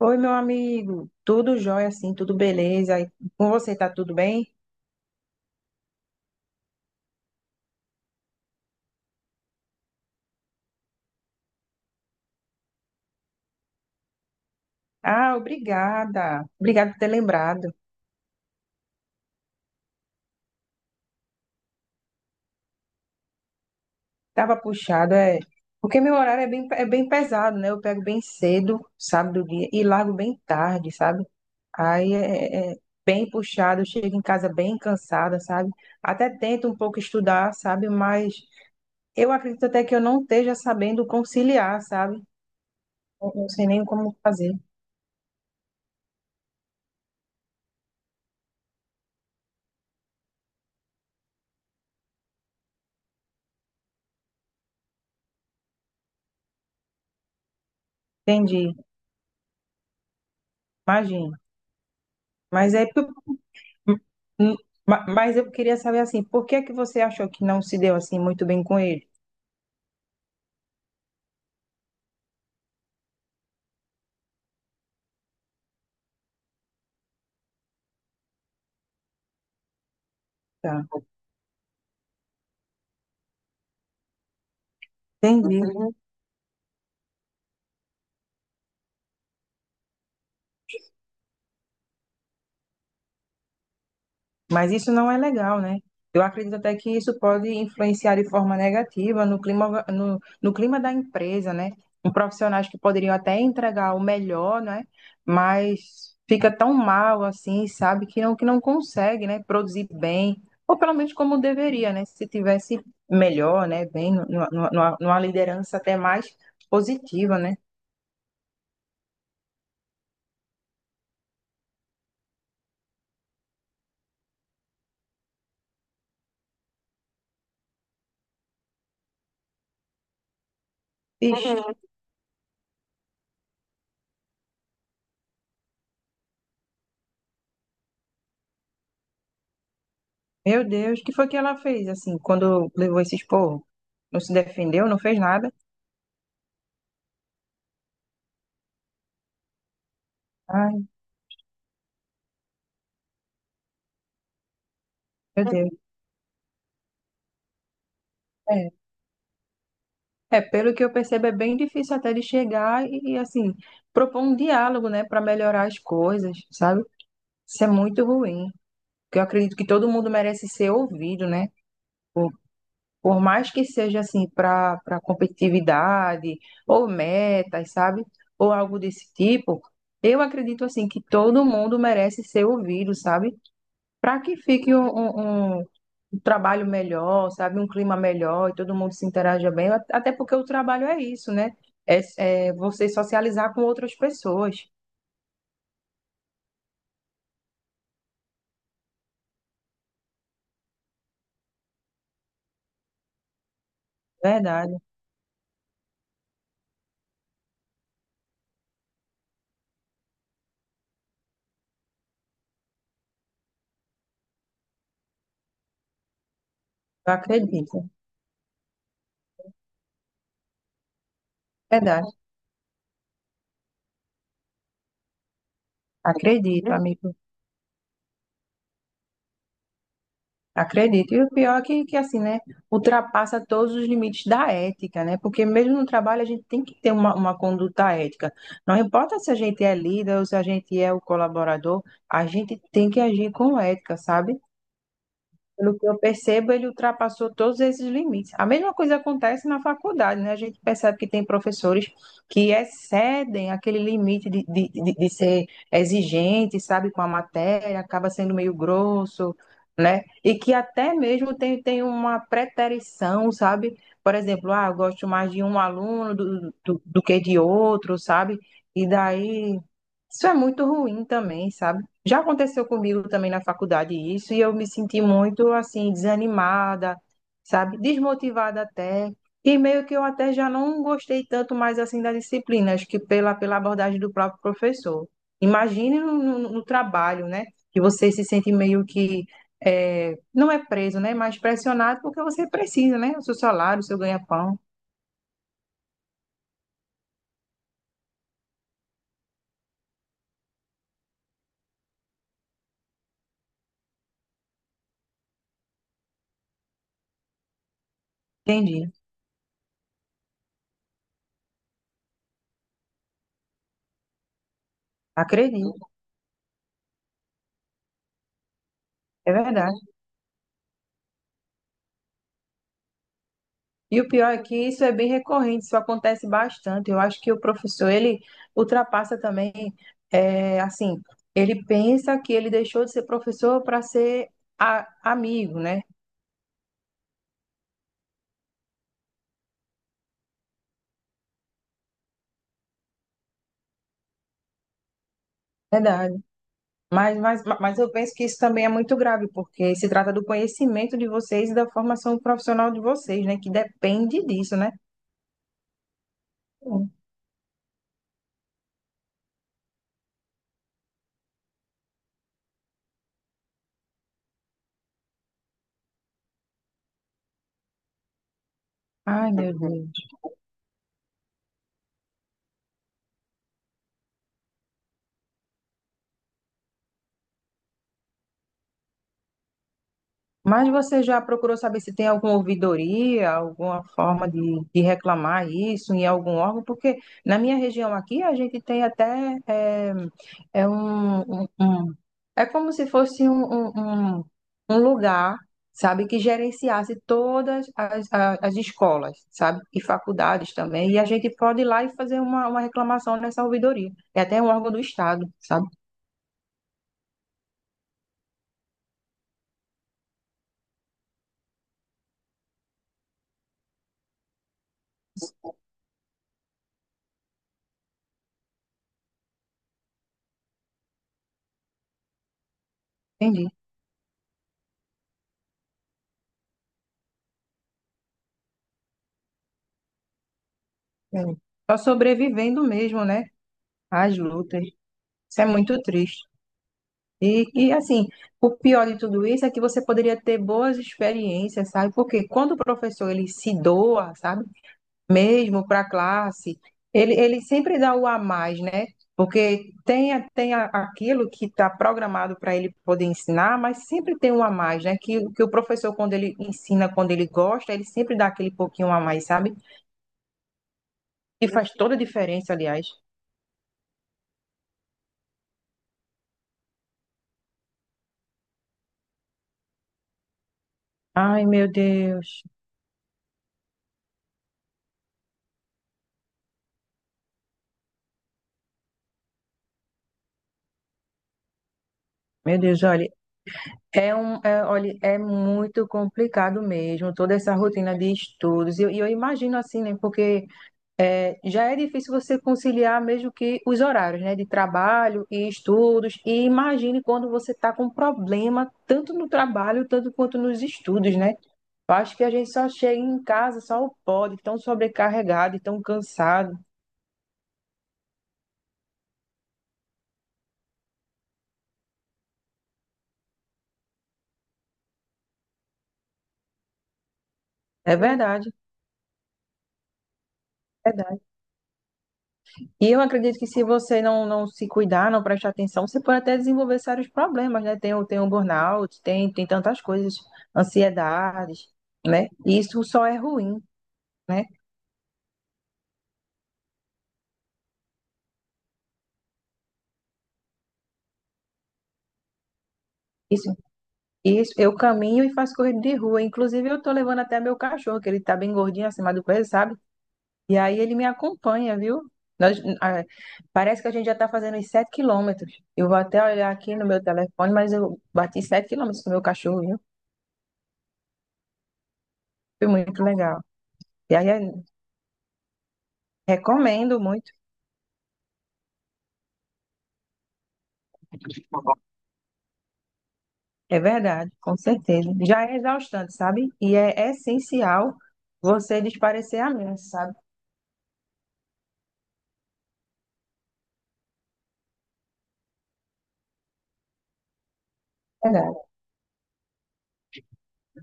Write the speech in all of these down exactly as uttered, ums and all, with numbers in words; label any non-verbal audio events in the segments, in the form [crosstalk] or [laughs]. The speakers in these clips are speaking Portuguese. Oi, meu amigo. Tudo jóia, assim, tudo beleza? E com você tá tudo bem? Ah, obrigada. Obrigada por ter lembrado. Tava puxado, é. Porque meu horário é bem, é bem pesado, né? Eu pego bem cedo, sabe, do dia, e largo bem tarde, sabe? Aí é, é é bem puxado, eu chego em casa bem cansada, sabe? Até tento um pouco estudar, sabe? Mas eu acredito até que eu não esteja sabendo conciliar, sabe? Eu não sei nem como fazer. Entendi. Imagino. Mas é Hum, ma- Mas eu queria saber assim, por que é que você achou que não se deu assim muito bem com ele? Tá. Entendi. Mas isso não é legal, né? Eu acredito até que isso pode influenciar de forma negativa no clima, orga- no, no clima da empresa, né? Um profissionais que poderiam até entregar o melhor, né? Mas fica tão mal assim, sabe? Que não, que não consegue, né? Produzir bem, ou pelo menos como deveria, né? Se tivesse melhor, né? Bem, nu- nu- numa, numa liderança até mais positiva, né? Ixi, uhum. Meu Deus, o que foi que ela fez, assim, quando levou esse esporro? Não se defendeu, não fez nada? Ai, meu Deus. É. É, pelo que eu percebo, é bem difícil até de chegar e, e, assim, propor um diálogo, né, para melhorar as coisas, sabe? Isso é muito ruim. Porque eu acredito que todo mundo merece ser ouvido, né? Por mais que seja, assim, para para competitividade, ou metas, sabe? Ou algo desse tipo, eu acredito, assim, que todo mundo merece ser ouvido, sabe? Para que fique um, um- um- um trabalho melhor, sabe? Um clima melhor e todo mundo se interaja bem, at- até porque o trabalho é isso, né? É, é você socializar com outras pessoas, verdade. Eu acredito, verdade. Acredito, amigo. Acredito. E o pior é que, que assim, né? Ultrapassa todos os limites da ética, né? Porque mesmo no trabalho a gente tem que ter uma, uma conduta ética. Não importa se a gente é líder ou se a gente é o colaborador, a gente tem que agir com ética, sabe? Pelo que eu percebo, ele ultrapassou todos esses limites. A mesma coisa acontece na faculdade, né? A gente percebe que tem professores que excedem aquele limite de, de, de, de ser exigente, sabe, com a matéria, acaba sendo meio grosso, né? E que até mesmo tem, tem uma preterição, sabe? Por exemplo, ah, eu gosto mais de um aluno do, do, do que de outro, sabe? E daí, isso é muito ruim também, sabe? Já aconteceu comigo também na faculdade isso, e eu me senti muito assim, desanimada, sabe? Desmotivada até. E meio que eu até já não gostei tanto mais assim da disciplina, acho que pela, pela abordagem do próprio professor. Imagine no, no- no trabalho, né? Que você se sente meio que, é, não é preso, né? Mas pressionado porque você precisa, né? O seu salário, o seu ganha-pão. Entendi. Acredito. É verdade. E o pior é que isso é bem recorrente, isso acontece bastante. Eu acho que o professor, ele ultrapassa também, é, assim, ele pensa que ele deixou de ser professor para ser a- amigo, né? Verdade. Mas, mas, mas eu penso que isso também é muito grave, porque se trata do conhecimento de vocês e da formação profissional de vocês, né? Que depende disso, né? Ai, meu Deus. Mas você já procurou saber se tem alguma ouvidoria, alguma forma de, de reclamar isso em algum órgão? Porque na minha região aqui a gente tem até é, é um, um- um- é como se fosse um, um, um- um lugar, sabe, que gerenciasse todas as, a- as escolas, sabe, e faculdades também. E a gente pode ir lá e fazer uma, uma reclamação nessa ouvidoria. É até um órgão do Estado, sabe? Entendi. Entendi. Só sobrevivendo mesmo, né? Às lutas. Isso é muito triste. E, e assim, o pior de tudo isso é que você poderia ter boas experiências, sabe? Porque quando o professor ele se doa, sabe? Mesmo para a classe, ele, ele sempre dá o a mais, né? Porque tem, a- tem a- aquilo que está programado para ele poder ensinar, mas sempre tem um a mais, né? Que, que o professor, quando ele ensina, quando ele gosta, ele sempre dá aquele pouquinho a mais, sabe? E faz toda a diferença, aliás. Ai, meu Deus. Meu Deus, olha. É um, é, olha, é muito complicado mesmo, toda essa rotina de estudos. E eu, e eu imagino assim, né? Porque é, já é difícil você conciliar mesmo que os horários, né? De trabalho e estudos. E imagine quando você está com problema, tanto no trabalho, tanto quanto nos estudos, né? Eu acho que a gente só chega em casa, só pode, tão sobrecarregado, e tão cansado. É verdade. E eu acredito que se você não, não se cuidar, não prestar atenção, você pode até desenvolver sérios problemas, né? Tem, o- tem o burnout, tem, tem tantas coisas, ansiedades, né? E isso só é ruim, né? Isso, isso, eu caminho e faço corrida de rua. Inclusive, eu tô levando até meu cachorro, que ele tá bem gordinho acima do peso, sabe? E aí ele me acompanha, viu? Nós, ah, Parece que a gente já tá fazendo os sete quilômetros. Eu vou até olhar aqui no meu telefone, mas eu bati sete quilômetros com o meu cachorro, viu? Foi muito legal. E aí, é Recomendo muito, é verdade, com certeza. Já é exaustante, sabe? E é essencial você desparecer a mente, sabe? É verdade.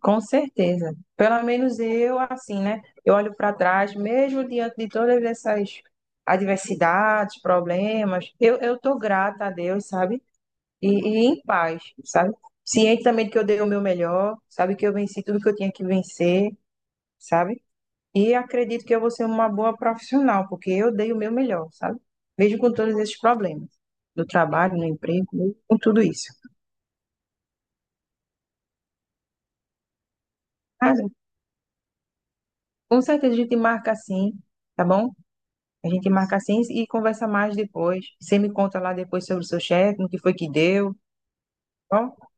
Com certeza. Pelo menos eu, assim, né? Eu olho para trás, mesmo diante de todas essas adversidades, problemas, eu, eu tô grata a Deus, sabe? E, e em paz, sabe? Ciente também de que eu dei o meu melhor, sabe? Que eu venci tudo que eu tinha que vencer, sabe? E acredito que eu vou ser uma boa profissional, porque eu dei o meu melhor, sabe? Mesmo com todos esses problemas, no trabalho, no emprego, mesmo com tudo isso. Mas, com certeza a gente marca assim, tá bom? A gente marca assim e conversa mais depois. Você me conta lá depois sobre o seu chefe, no que foi que deu, tá bom? [laughs]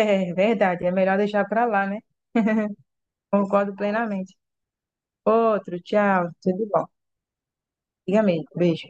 É verdade, é melhor deixar pra lá, né? Concordo plenamente. Outro, tchau, tudo de bom. Fica bem, beijo.